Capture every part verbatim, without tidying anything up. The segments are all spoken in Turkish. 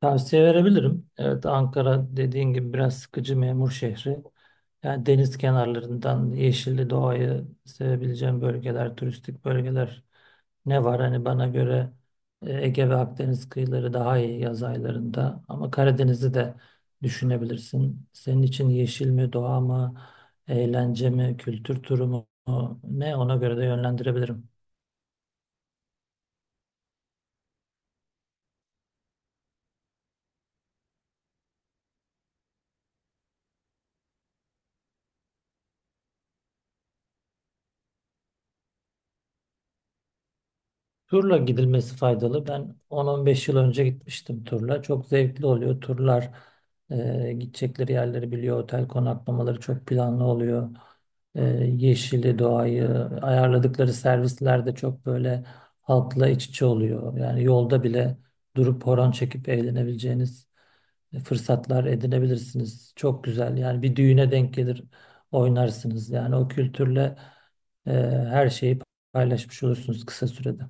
Tavsiye verebilirim. Evet Ankara dediğin gibi biraz sıkıcı memur şehri. Yani deniz kenarlarından yeşilli doğayı sevebileceğim bölgeler, turistik bölgeler ne var? Hani bana göre e, Ege ve Akdeniz kıyıları daha iyi yaz aylarında. Ama Karadeniz'i de düşünebilirsin. Senin için yeşil mi, doğa mı, eğlence mi, kültür turu mu, ne ona göre de yönlendirebilirim. Turla gidilmesi faydalı. Ben on on beş yıl önce gitmiştim turla. Çok zevkli oluyor. Turlar e, gidecekleri yerleri biliyor. Otel konaklamaları çok planlı oluyor. E, yeşili, doğayı, ayarladıkları servisler de çok böyle halkla iç içe oluyor. Yani yolda bile durup horon çekip eğlenebileceğiniz e, fırsatlar edinebilirsiniz. Çok güzel. Yani bir düğüne denk gelir oynarsınız. Yani o kültürle e, her şeyi paylaşmış olursunuz kısa sürede.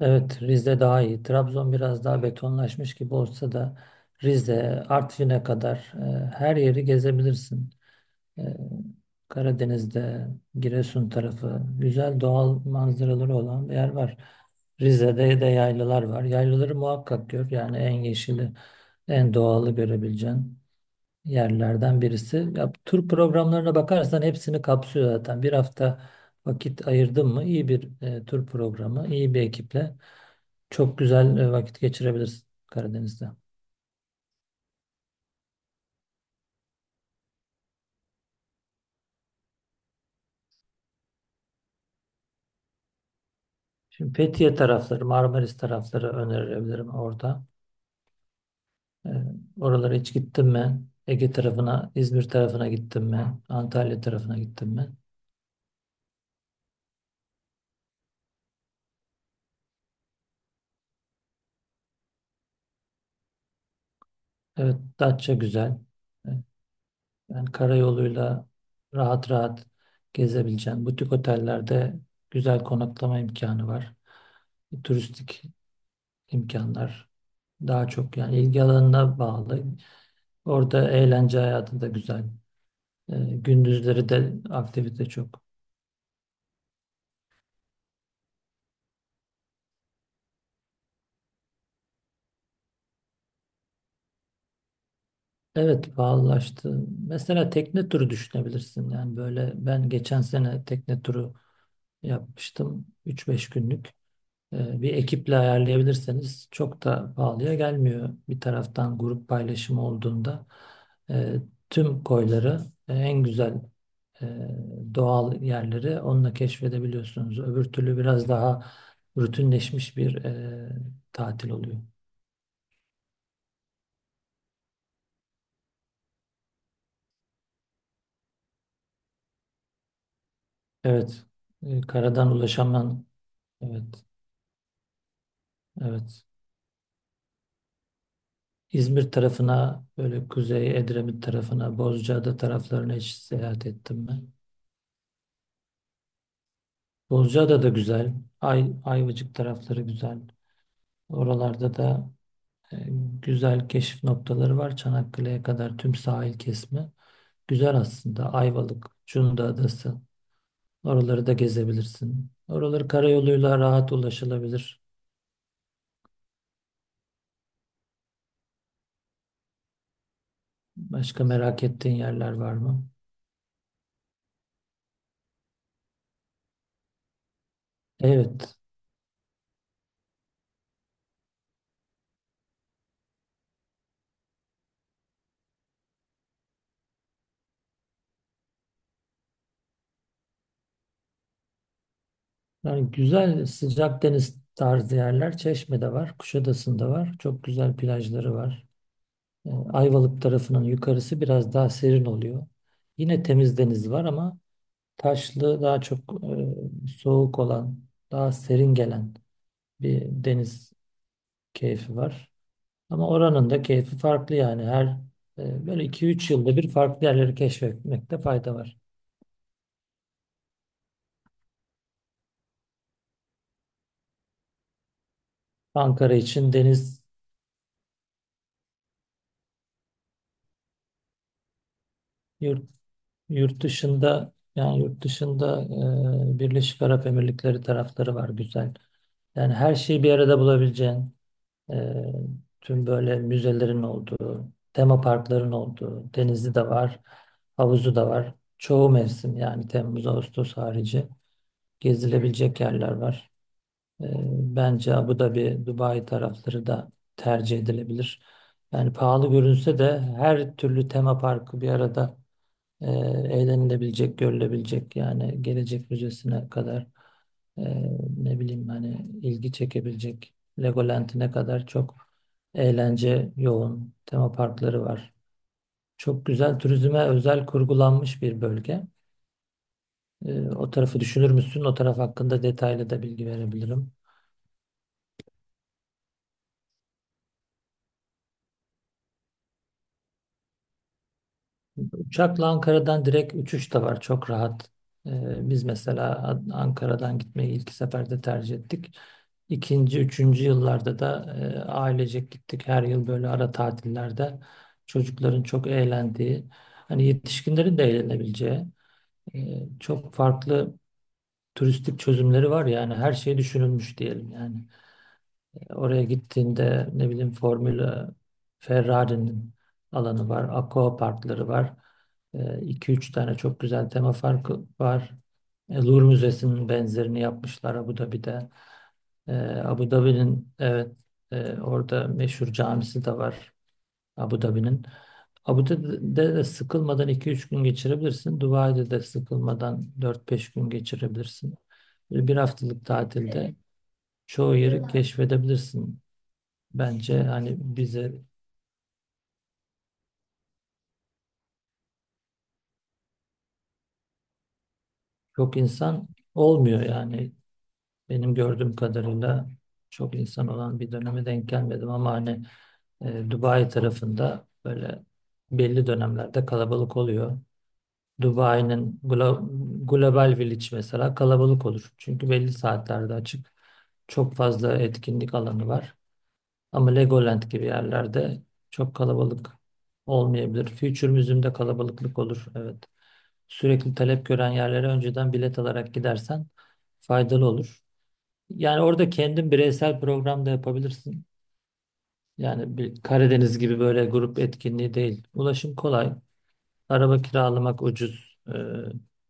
Evet, Rize daha iyi. Trabzon biraz daha betonlaşmış gibi olsa da Rize, Artvin'e kadar e, her yeri gezebilirsin. E, Karadeniz'de, Giresun tarafı güzel doğal manzaraları olan bir yer var. Rize'de de yaylalar var. Yaylaları muhakkak gör. Yani en yeşili, en doğalı görebileceğin yerlerden birisi. Ya, tur programlarına bakarsan hepsini kapsıyor zaten. Bir hafta vakit ayırdın mı, iyi bir e, tur programı, iyi bir ekiple. Çok güzel e, vakit geçirebilirsin Karadeniz'de. Şimdi Fethiye tarafları, Marmaris tarafları önerebilirim orada. E, Oralara hiç gittin mi? Ege tarafına, İzmir tarafına gittin mi? Antalya tarafına gittin mi? Evet, Datça güzel. E, Yani karayoluyla rahat rahat gezebileceğin butik otellerde güzel konaklama imkanı var. E, Turistik imkanlar daha çok yani ilgi alanına bağlı. Orada eğlence hayatı da güzel. E, gündüzleri de aktivite çok. Evet pahalılaştı. Mesela tekne turu düşünebilirsin. Yani böyle ben geçen sene tekne turu yapmıştım. üç beş günlük. E, bir ekiple ayarlayabilirseniz çok da pahalıya gelmiyor. Bir taraftan grup paylaşımı olduğunda e, tüm koyları, e, en güzel e, doğal yerleri onunla keşfedebiliyorsunuz. Öbür türlü biraz daha rutinleşmiş bir e, tatil oluyor. Evet. E, karadan ulaşamam. Evet. Evet. İzmir tarafına, böyle Kuzey Edremit tarafına, Bozcaada taraflarına hiç seyahat ettim ben. Bozcaada da güzel. Ay, Ayvacık tarafları güzel. Oralarda da e, güzel keşif noktaları var. Çanakkale'ye kadar tüm sahil kesimi. Güzel aslında. Ayvalık, Cunda Adası. Oraları da gezebilirsin. Oraları karayoluyla rahat ulaşılabilir. Başka merak ettiğin yerler var mı? Evet. Yani güzel sıcak deniz tarzı yerler Çeşme'de var, Kuşadası'nda var. Çok güzel plajları var. Ee, Ayvalık tarafının yukarısı biraz daha serin oluyor. Yine temiz deniz var ama taşlı daha çok, e, soğuk olan, daha serin gelen bir deniz keyfi var. Ama oranın da keyfi farklı. Yani her e, böyle iki üç yılda bir farklı yerleri keşfetmekte fayda var. Ankara için deniz, yurt. Yurt dışında, yani yurt dışında e, Birleşik Arap Emirlikleri tarafları var, güzel. Yani her şeyi bir arada bulabileceğin, e, tüm böyle müzelerin olduğu, tema parkların olduğu, denizi de var, havuzu da var. Çoğu mevsim, yani Temmuz, Ağustos harici gezilebilecek yerler var. E, Bence Abu Dhabi, Dubai tarafları da tercih edilebilir. Yani pahalı görünse de her türlü tema parkı bir arada, e, eğlenilebilecek, görülebilecek, yani gelecek müzesine kadar, e, ne bileyim hani ilgi çekebilecek Legoland'ine kadar çok eğlence yoğun tema parkları var. Çok güzel turizme özel kurgulanmış bir bölge. E, o tarafı düşünür müsün? O taraf hakkında detaylı da bilgi verebilirim. Uçakla Ankara'dan direkt uçuş da var. Çok rahat. Ee, biz mesela An- Ankara'dan gitmeyi ilk seferde tercih ettik. İkinci, üçüncü yıllarda da e, ailecek gittik. Her yıl böyle ara tatillerde çocukların çok eğlendiği, hani yetişkinlerin de eğlenebileceği e, çok farklı turistik çözümleri var, yani her şey düşünülmüş diyelim yani. Oraya gittiğinde ne bileyim Formula Ferrari'nin alanı var. Aqua parkları var. Ee, iki üç tane çok güzel tema parkı var. E, Louvre Müzesi'nin benzerini yapmışlar Abu Dhabi'de. E, Abu Dhabi'nin, evet, e, orada meşhur camisi de var Abu Dhabi'nin. Abu Dhabi'de de sıkılmadan iki üç gün geçirebilirsin. Dubai'de de sıkılmadan dört beş gün geçirebilirsin. Böyle Bir haftalık tatilde çoğu yeri keşfedebilirsin. Bence hani bize çok insan olmuyor yani. Benim gördüğüm kadarıyla çok insan olan bir döneme denk gelmedim ama hani e, Dubai tarafında böyle belli dönemlerde kalabalık oluyor. Dubai'nin glo- Global Village mesela kalabalık olur. Çünkü belli saatlerde açık. Çok fazla etkinlik alanı var. Ama Legoland gibi yerlerde çok kalabalık olmayabilir. Future Museum'de kalabalıklık olur. Evet. sürekli talep gören yerlere önceden bilet alarak gidersen faydalı olur. Yani orada kendin bireysel program da yapabilirsin. Yani bir Karadeniz gibi böyle grup etkinliği değil. Ulaşım kolay. Araba kiralamak ucuz. Ee,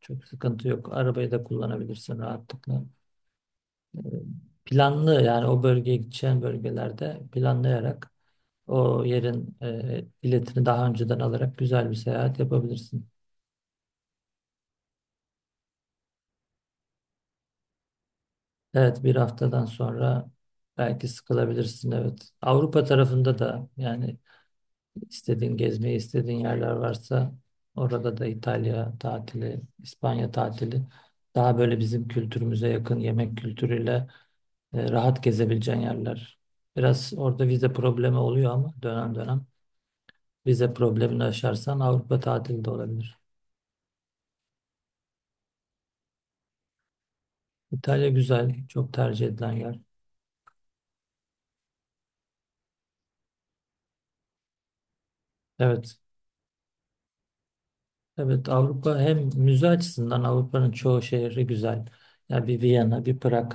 çok sıkıntı yok. Arabayı da kullanabilirsin rahatlıkla. Ee, Planlı, yani o bölgeye, gideceğin bölgelerde planlayarak o yerin e, biletini daha önceden alarak güzel bir seyahat yapabilirsin. Evet, bir haftadan sonra belki sıkılabilirsin, evet. Avrupa tarafında da, yani istediğin gezmeyi istediğin yerler varsa, orada da İtalya tatili, İspanya tatili, daha böyle bizim kültürümüze yakın yemek kültürüyle e, rahat gezebileceğin yerler. Biraz orada vize problemi oluyor ama dönem dönem vize problemini aşarsan Avrupa tatili de olabilir. İtalya güzel, çok tercih edilen yer. Evet. Evet, Avrupa hem müze açısından, Avrupa'nın çoğu şehri güzel. Ya bir Viyana, bir Prag,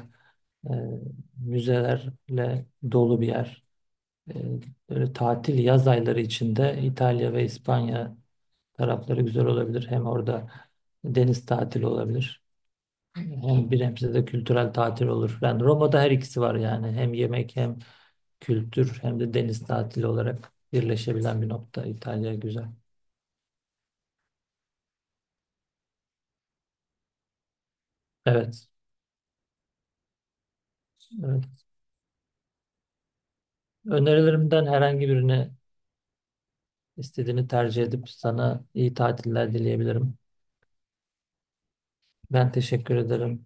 e, müzelerle dolu bir yer. E, Böyle tatil yaz ayları içinde İtalya ve İspanya tarafları güzel olabilir. Hem orada deniz tatili olabilir. Hem bir hemşire de kültürel tatil olur. Yani Roma'da her ikisi var yani. Hem yemek, hem kültür, hem de deniz tatili olarak birleşebilen bir nokta. İtalya güzel. Evet. Evet. Önerilerimden herhangi birini, İstediğini tercih edip sana iyi tatiller dileyebilirim. Ben teşekkür ederim.